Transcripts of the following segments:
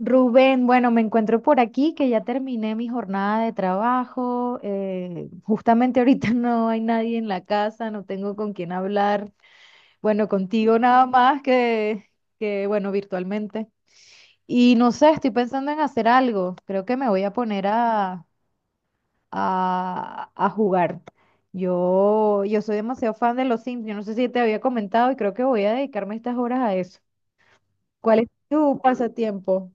Rubén, bueno, me encuentro por aquí que ya terminé mi jornada de trabajo. Justamente ahorita no hay nadie en la casa, no tengo con quién hablar. Bueno, contigo nada más que, bueno, virtualmente. Y no sé, estoy pensando en hacer algo. Creo que me voy a poner a jugar. Yo soy demasiado fan de los Sims. Yo no sé si te había comentado y creo que voy a dedicarme estas horas a eso. ¿Cuál es tu pasatiempo?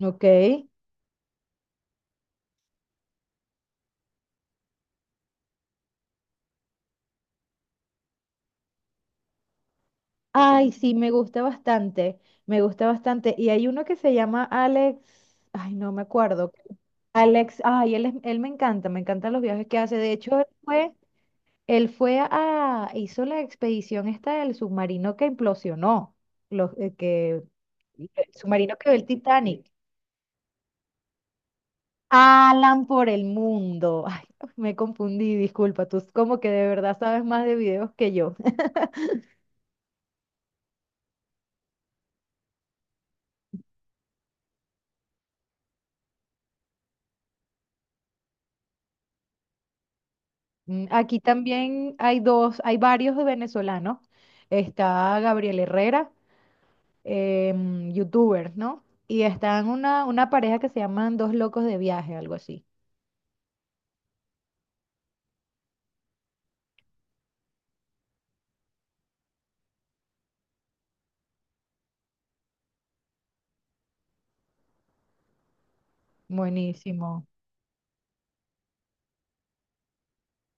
Ok. Ay, sí, me gusta bastante, me gusta bastante. Y hay uno que se llama Alex, ay, no me acuerdo. Alex, ay, él, él me encanta, me encantan los viajes que hace. De hecho, él fue a hizo la expedición esta del submarino que implosionó, los, eh, que, el submarino que ve el Titanic. Alan por el mundo. Ay, me confundí, disculpa, tú como que de verdad sabes más de videos que yo. Mm, aquí también hay dos, hay varios venezolanos. Está Gabriel Herrera, youtuber, ¿no? Y están una pareja que se llaman Dos Locos de Viaje, algo así. Buenísimo.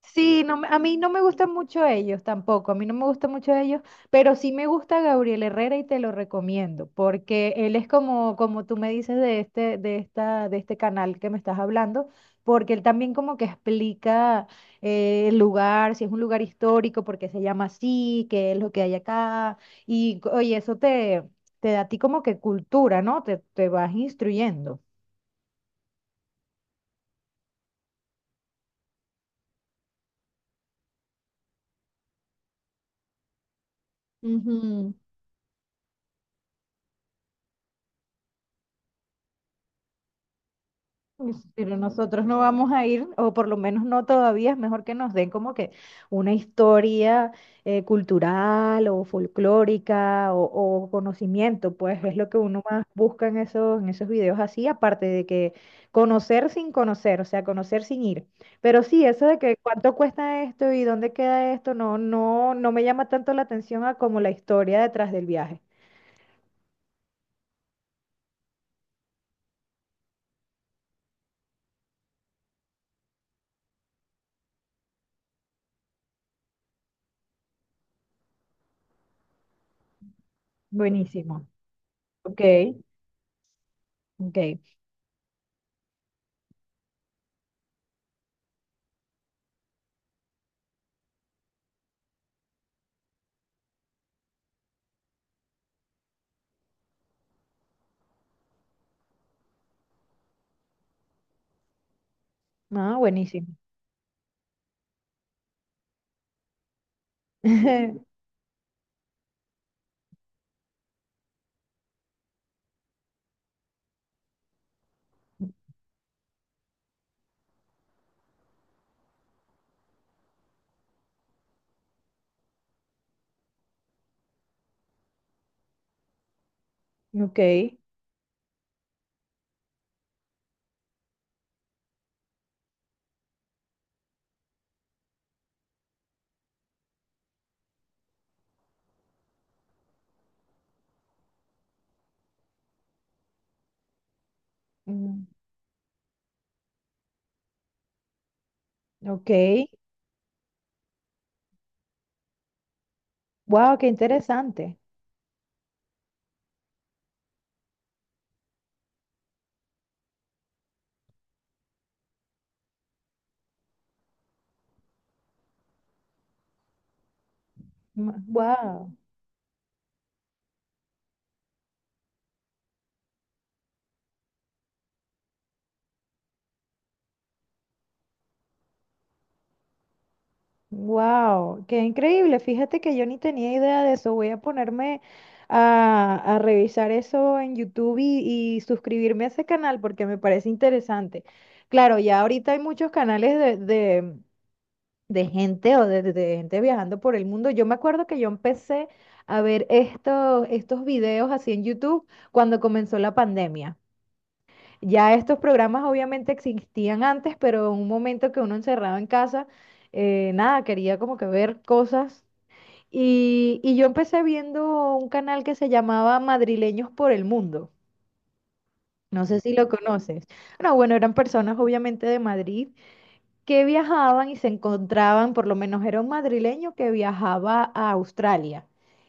Sí, no, a mí no me gustan mucho ellos tampoco, a mí no me gustan mucho ellos, pero sí me gusta Gabriel Herrera y te lo recomiendo, porque él es como, como tú me dices de este, de esta, de este canal que me estás hablando, porque él también como que explica el lugar, si es un lugar histórico, por qué se llama así, qué es lo que hay acá, y oye, eso te, te da a ti como que cultura, ¿no? Te vas instruyendo. Ujú. Pues, pero nosotros no vamos a ir, o por lo menos no todavía, es mejor que nos den como que una historia cultural o folclórica o conocimiento, pues es lo que uno más busca en esos videos así, aparte de que conocer sin conocer, o sea, conocer sin ir. Pero sí, eso de que cuánto cuesta esto y dónde queda esto, no, no, no me llama tanto la atención a como la historia detrás del viaje. Buenísimo. Ok, ok. Ah, buenísimo. Ok. Mm, ok, wow, qué interesante. Wow, wow, qué increíble. Fíjate que yo ni tenía idea de eso. Voy a ponerme a revisar eso en YouTube y suscribirme a ese canal porque me parece interesante. Claro, ya ahorita hay muchos canales de gente o de gente viajando por el mundo. Yo me acuerdo que yo empecé a ver estos, estos videos así en YouTube cuando comenzó la pandemia. Ya estos programas obviamente existían antes, pero en un momento que uno encerrado en casa, nada, quería como que ver cosas. Y yo empecé viendo un canal que se llamaba Madrileños por el Mundo. No sé si lo conoces. No, bueno, eran personas obviamente de Madrid que viajaban y se encontraban, por lo menos era un madrileño que viajaba a Australia.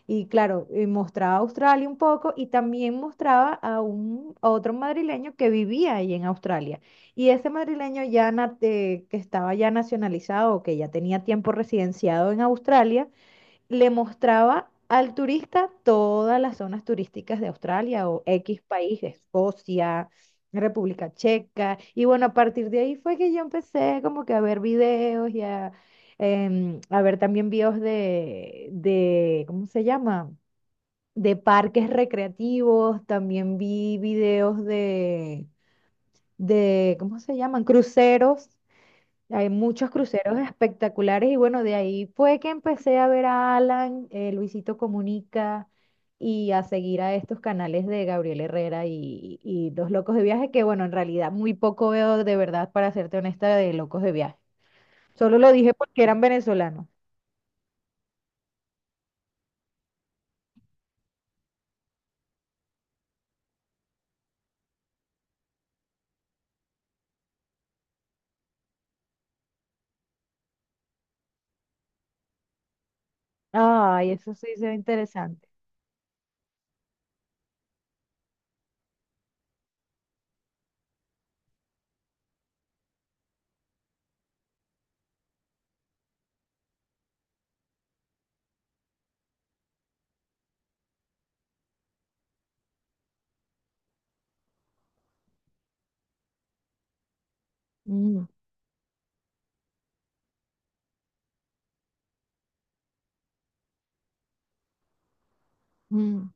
Y claro, mostraba Australia un poco y también mostraba a a otro madrileño que vivía ahí en Australia. Y ese madrileño ya que estaba ya nacionalizado o que ya tenía tiempo residenciado en Australia, le mostraba al turista todas las zonas turísticas de Australia o X país, Escocia, República Checa. Y bueno, a partir de ahí fue que yo empecé como que a ver videos y a, a ver también videos de, ¿cómo se llama? De parques recreativos, también vi videos de, ¿cómo se llaman? Cruceros, hay muchos cruceros espectaculares y bueno, de ahí fue que empecé a ver a Alan, Luisito Comunica y a seguir a estos canales de Gabriel Herrera y Los Locos de Viaje, que bueno, en realidad muy poco veo de verdad, para serte honesta, de Locos de Viaje. Solo lo dije porque eran venezolanos. Ay, eso sí se ve interesante. Mm, mm.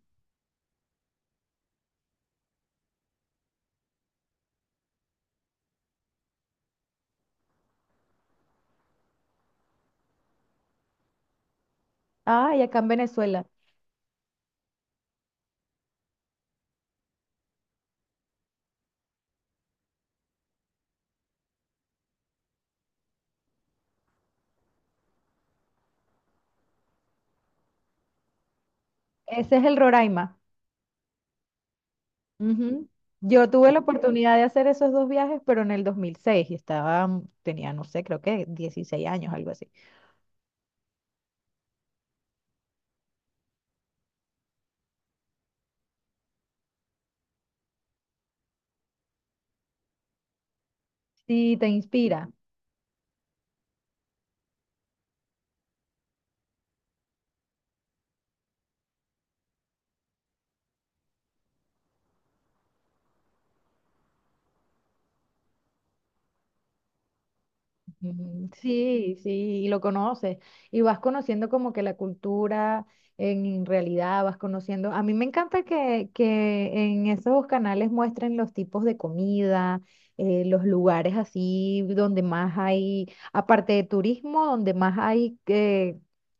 Ay, acá en Venezuela. Ese es el Roraima. Ujú. Yo tuve la oportunidad de hacer esos dos viajes, pero en el 2006 y estaba, tenía, no sé, creo que 16 años, algo así. Sí, te inspira. Ujú. Sí, sí, y lo conoces. Y vas conociendo como que la cultura en realidad, vas conociendo. A mí me encanta que en esos canales muestren los tipos de comida, los lugares así donde más hay, aparte de turismo, donde más hay eh,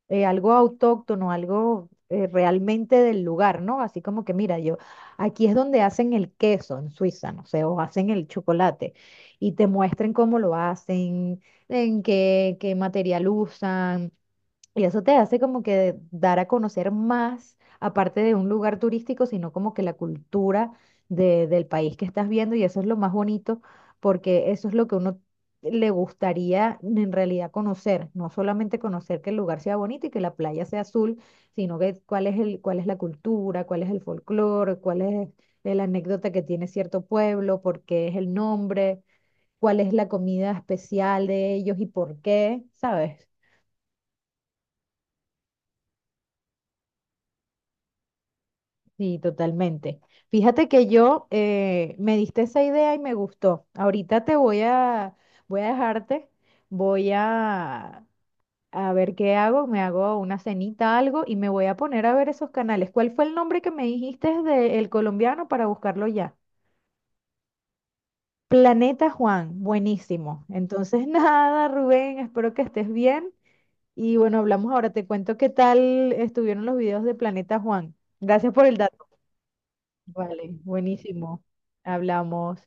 eh, algo autóctono, algo realmente del lugar, ¿no? Así como que mira, yo, aquí es donde hacen el queso en Suiza, no sé, o hacen el chocolate y te muestren cómo lo hacen, en qué, qué material usan, y eso te hace como que dar a conocer más, aparte de un lugar turístico, sino como que la cultura del país que estás viendo, y eso es lo más bonito, porque eso es lo que uno le gustaría en realidad conocer, no solamente conocer que el lugar sea bonito y que la playa sea azul, sino que cuál es el, cuál es la cultura, cuál es el folclore, cuál es la anécdota que tiene cierto pueblo, por qué es el nombre, cuál es la comida especial de ellos y por qué, ¿sabes? Sí, totalmente. Fíjate que yo me diste esa idea y me gustó. Ahorita te voy a voy a dejarte, voy a a ver qué hago, me hago una cenita, algo y me voy a poner a ver esos canales. ¿Cuál fue el nombre que me dijiste del colombiano para buscarlo ya? Planeta Juan, buenísimo. Entonces, nada, Rubén, espero que estés bien. Y bueno, hablamos ahora. Te cuento qué tal estuvieron los videos de Planeta Juan. Gracias por el dato. Vale, buenísimo. Hablamos.